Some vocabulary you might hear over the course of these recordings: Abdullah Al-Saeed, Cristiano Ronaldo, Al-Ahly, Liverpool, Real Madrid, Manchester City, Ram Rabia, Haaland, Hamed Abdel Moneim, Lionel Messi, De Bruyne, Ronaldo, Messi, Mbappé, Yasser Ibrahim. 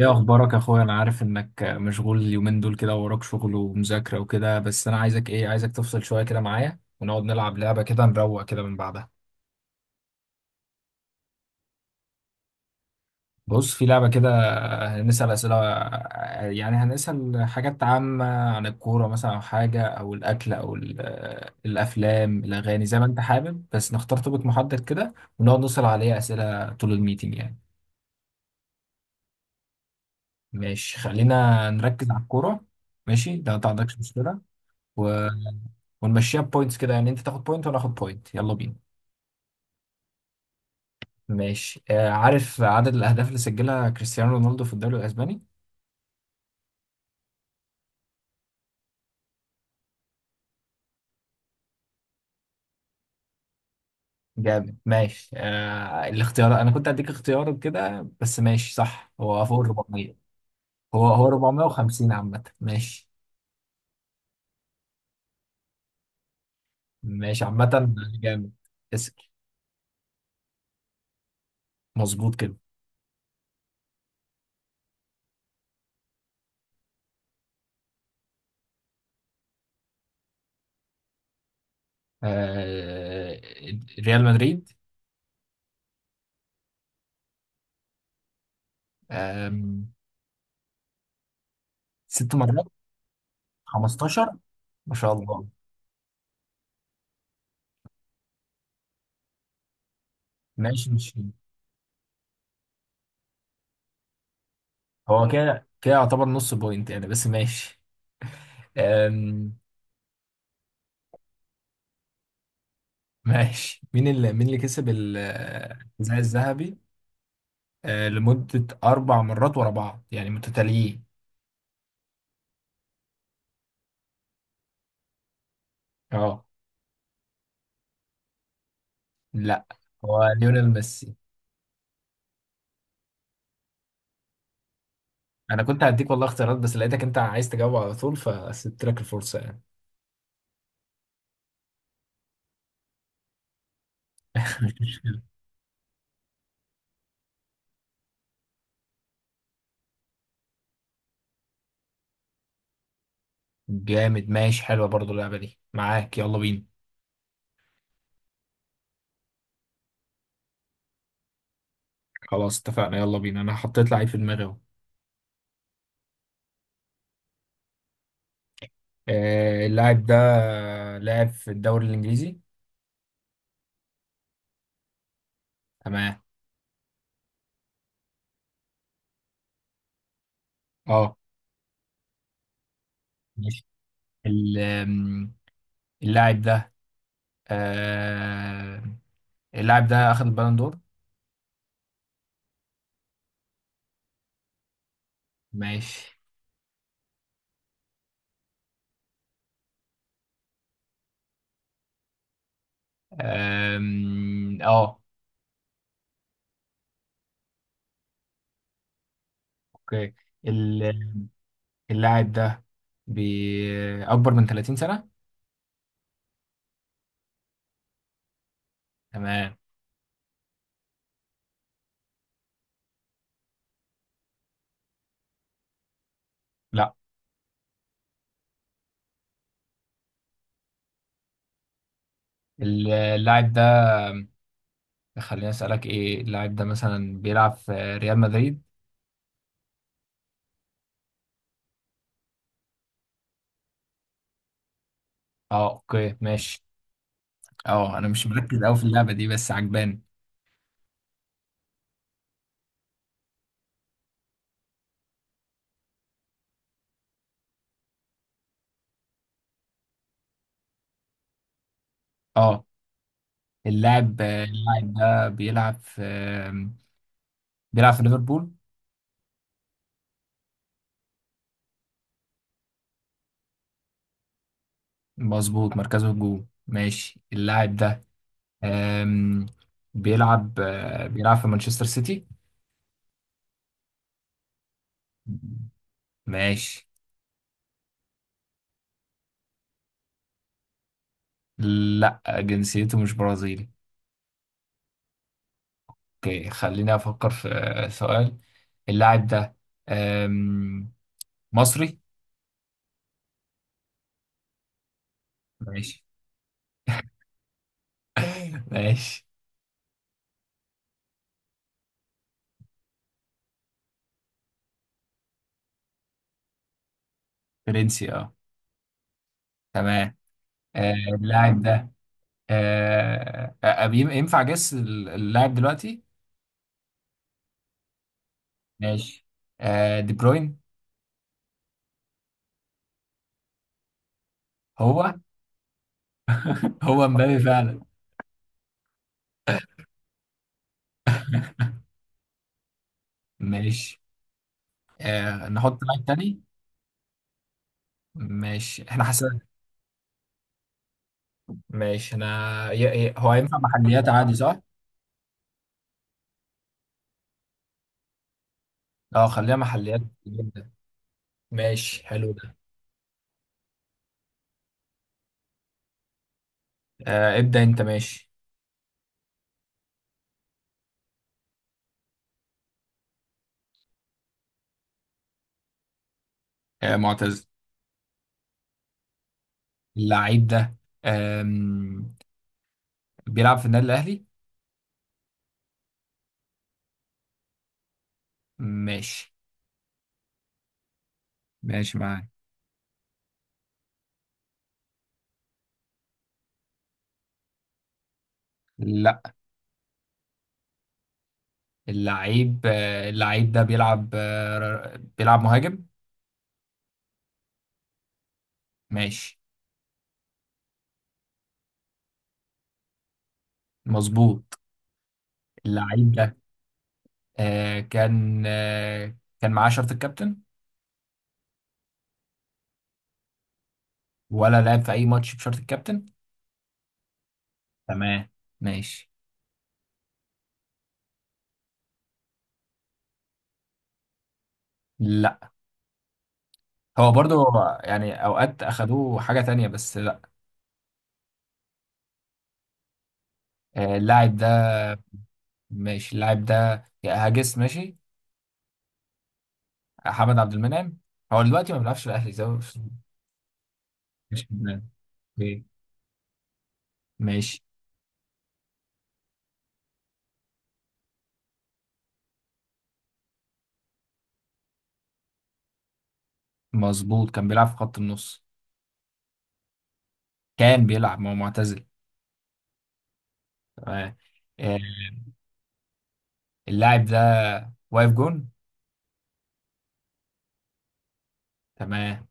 ايه اخبارك يا اخويا، انا عارف انك مشغول اليومين دول كده ووراك شغل ومذاكره وكده. بس انا عايزك تفصل شويه كده معايا ونقعد نلعب لعبه كده نروق كده من بعدها. بص، في لعبه كده. هنسال اسئله، يعني هنسال حاجات عامه عن الكوره مثلا او حاجه او الاكل او الافلام الاغاني، زي ما انت حابب، بس نختار توبيك محدد كده ونقعد نسال عليه اسئله طول الميتنج يعني. ماشي، خلينا نركز على الكوره. ماشي، ده ما عندكش مشكله. ونمشيها بوينتس كده يعني، انت تاخد بوينت وانا اخد بوينت. يلا بينا. ماشي. عارف عدد الاهداف اللي سجلها كريستيانو رونالدو في الدوري الاسباني؟ جامد، ماشي. الاختيار، انا كنت هديك اختيار كده بس ماشي. صح، هو فوق ال 400. هو هو 450 عامة، ماشي. ماشي عامة. جامد. اسأل. مظبوط كده. آه ريال مدريد. آه ست مرات. 15. ما شاء الله. ماشي ماشي. هو كده كده يعتبر نص بوينت يعني، بس ماشي. أم، ماشي. مين اللي كسب الحذاء الذهبي؟ لمدة أربع مرات ورا بعض يعني متتاليين. اه، لا، هو ليونيل ميسي. أنا كنت هديك والله اختيارات، بس لقيتك أنت عايز تجاوب على طول فسبت لك الفرصة يعني. مش مشكلة. جامد، ماشي. حلوة برضو اللعبة دي معاك. يلا بينا. خلاص اتفقنا. يلا بينا. أنا حطيت لعيب في دماغي أهو. اللاعب ده لاعب في الدوري الإنجليزي. تمام. اه، ماشي. ال- أم، اللاعب ده. آه اللاعب ده اخذ البالون دور. ماشي. اه، اوكي. ال- اللاعب ده اكبر من 30 سنة. تمام. لا. اللاعب ده. خليني اسالك ايه، اللاعب ده مثلا بيلعب في ريال مدريد؟ اه، اوكي ماشي. اه، انا مش مركز قوي في اللعبة دي بس عجباني. اه، اللاعب ده بيلعب في. بيلعب في ليفربول؟ مظبوط، مركزه هجوم، ماشي. اللاعب ده أم، بيلعب في مانشستر سيتي. ماشي. لا، جنسيته مش برازيلي. اوكي، خليني افكر في سؤال. اللاعب ده أم، مصري. ماشي. ماشي. فرنسي، اه، تمام. اللاعب ده. ينفع جس اللاعب دلوقتي؟ ماشي. دي بروين. هو هو مبابي فعلا؟ ماشي. نحط لاعب تاني. ماشي احنا. ماشي انا. هو ينفع محليات عادي صح؟ اه، خليها محليات. جدا. ماشي، حلو ده. ابدأ انت، ماشي. معتزل. اللعيب ده آم... بيلعب في النادي الأهلي؟ ماشي. ماشي معاك. لا. اللعيب ده بيلعب مهاجم؟ ماشي. مظبوط. اللعيب ده كان معاه شرط الكابتن؟ ولا لعب في أي ماتش بشرط الكابتن؟ تمام. ماشي. لا. هو برضه هو يعني اوقات اخدوه حاجه تانية بس لا. اللاعب ده. ماشي، اللاعب ده يا هاجس ماشي. حمد عبد المنعم. هو دلوقتي ما بيلعبش في الاهلي زي ماشي في النادي. اوكي، ماشي. مظبوط كان بيلعب في خط النص. كان بيلعب، ما هو معتزل. تمام. آه، اللاعب ده واقف جون؟ تمام.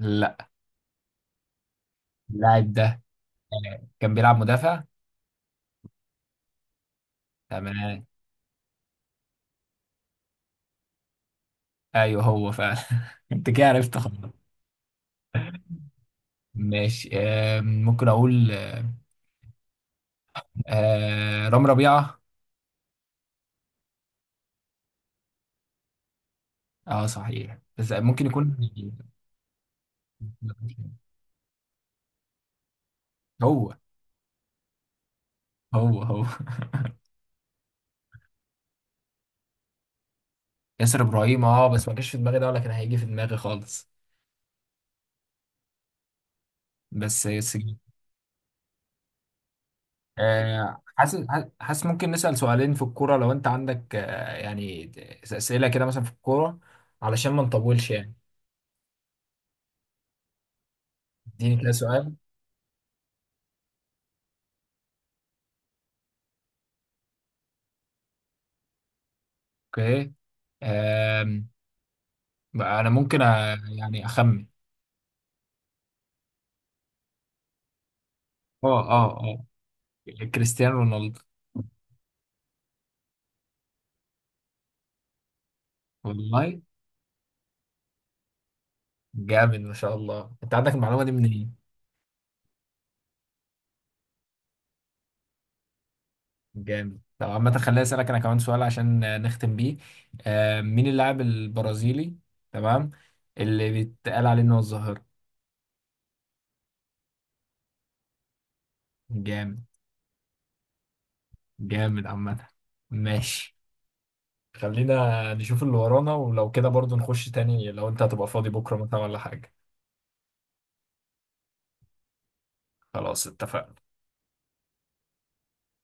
لا. اللاعب ده كان بيلعب مدافع. تمام. ايوه هو فعلا. انت كده عرفت خلاص. ماشي. ممكن اقول رام ربيعة؟ اه صحيح، بس ممكن يكون. هو هو هو. ياسر ابراهيم، اه، بس ما جاش في دماغي ده ولا كان هيجي في دماغي خالص. بس بس جه. حاسس. حاسس ممكن نسأل سؤالين في الكورة لو انت عندك يعني أسئلة كده مثلا في الكورة علشان ما نطولش يعني. اديني كده سؤال. اوكي. آم، بقى انا ممكن يعني اخمن. اه اه اه، كريستيانو رونالدو. والله. جامد، ما شاء الله، انت عندك المعلومة دي منين؟ جامد. طب عامة خليني أسألك أنا كمان سؤال عشان نختم بيه. مين اللاعب البرازيلي، تمام، اللي بيتقال عليه إن هو الظاهرة؟ جامد. جامد عامة. ماشي، خلينا نشوف اللي ورانا، ولو كده برضو نخش تاني لو أنت هتبقى فاضي بكرة مثلا ولا حاجة. خلاص اتفقنا.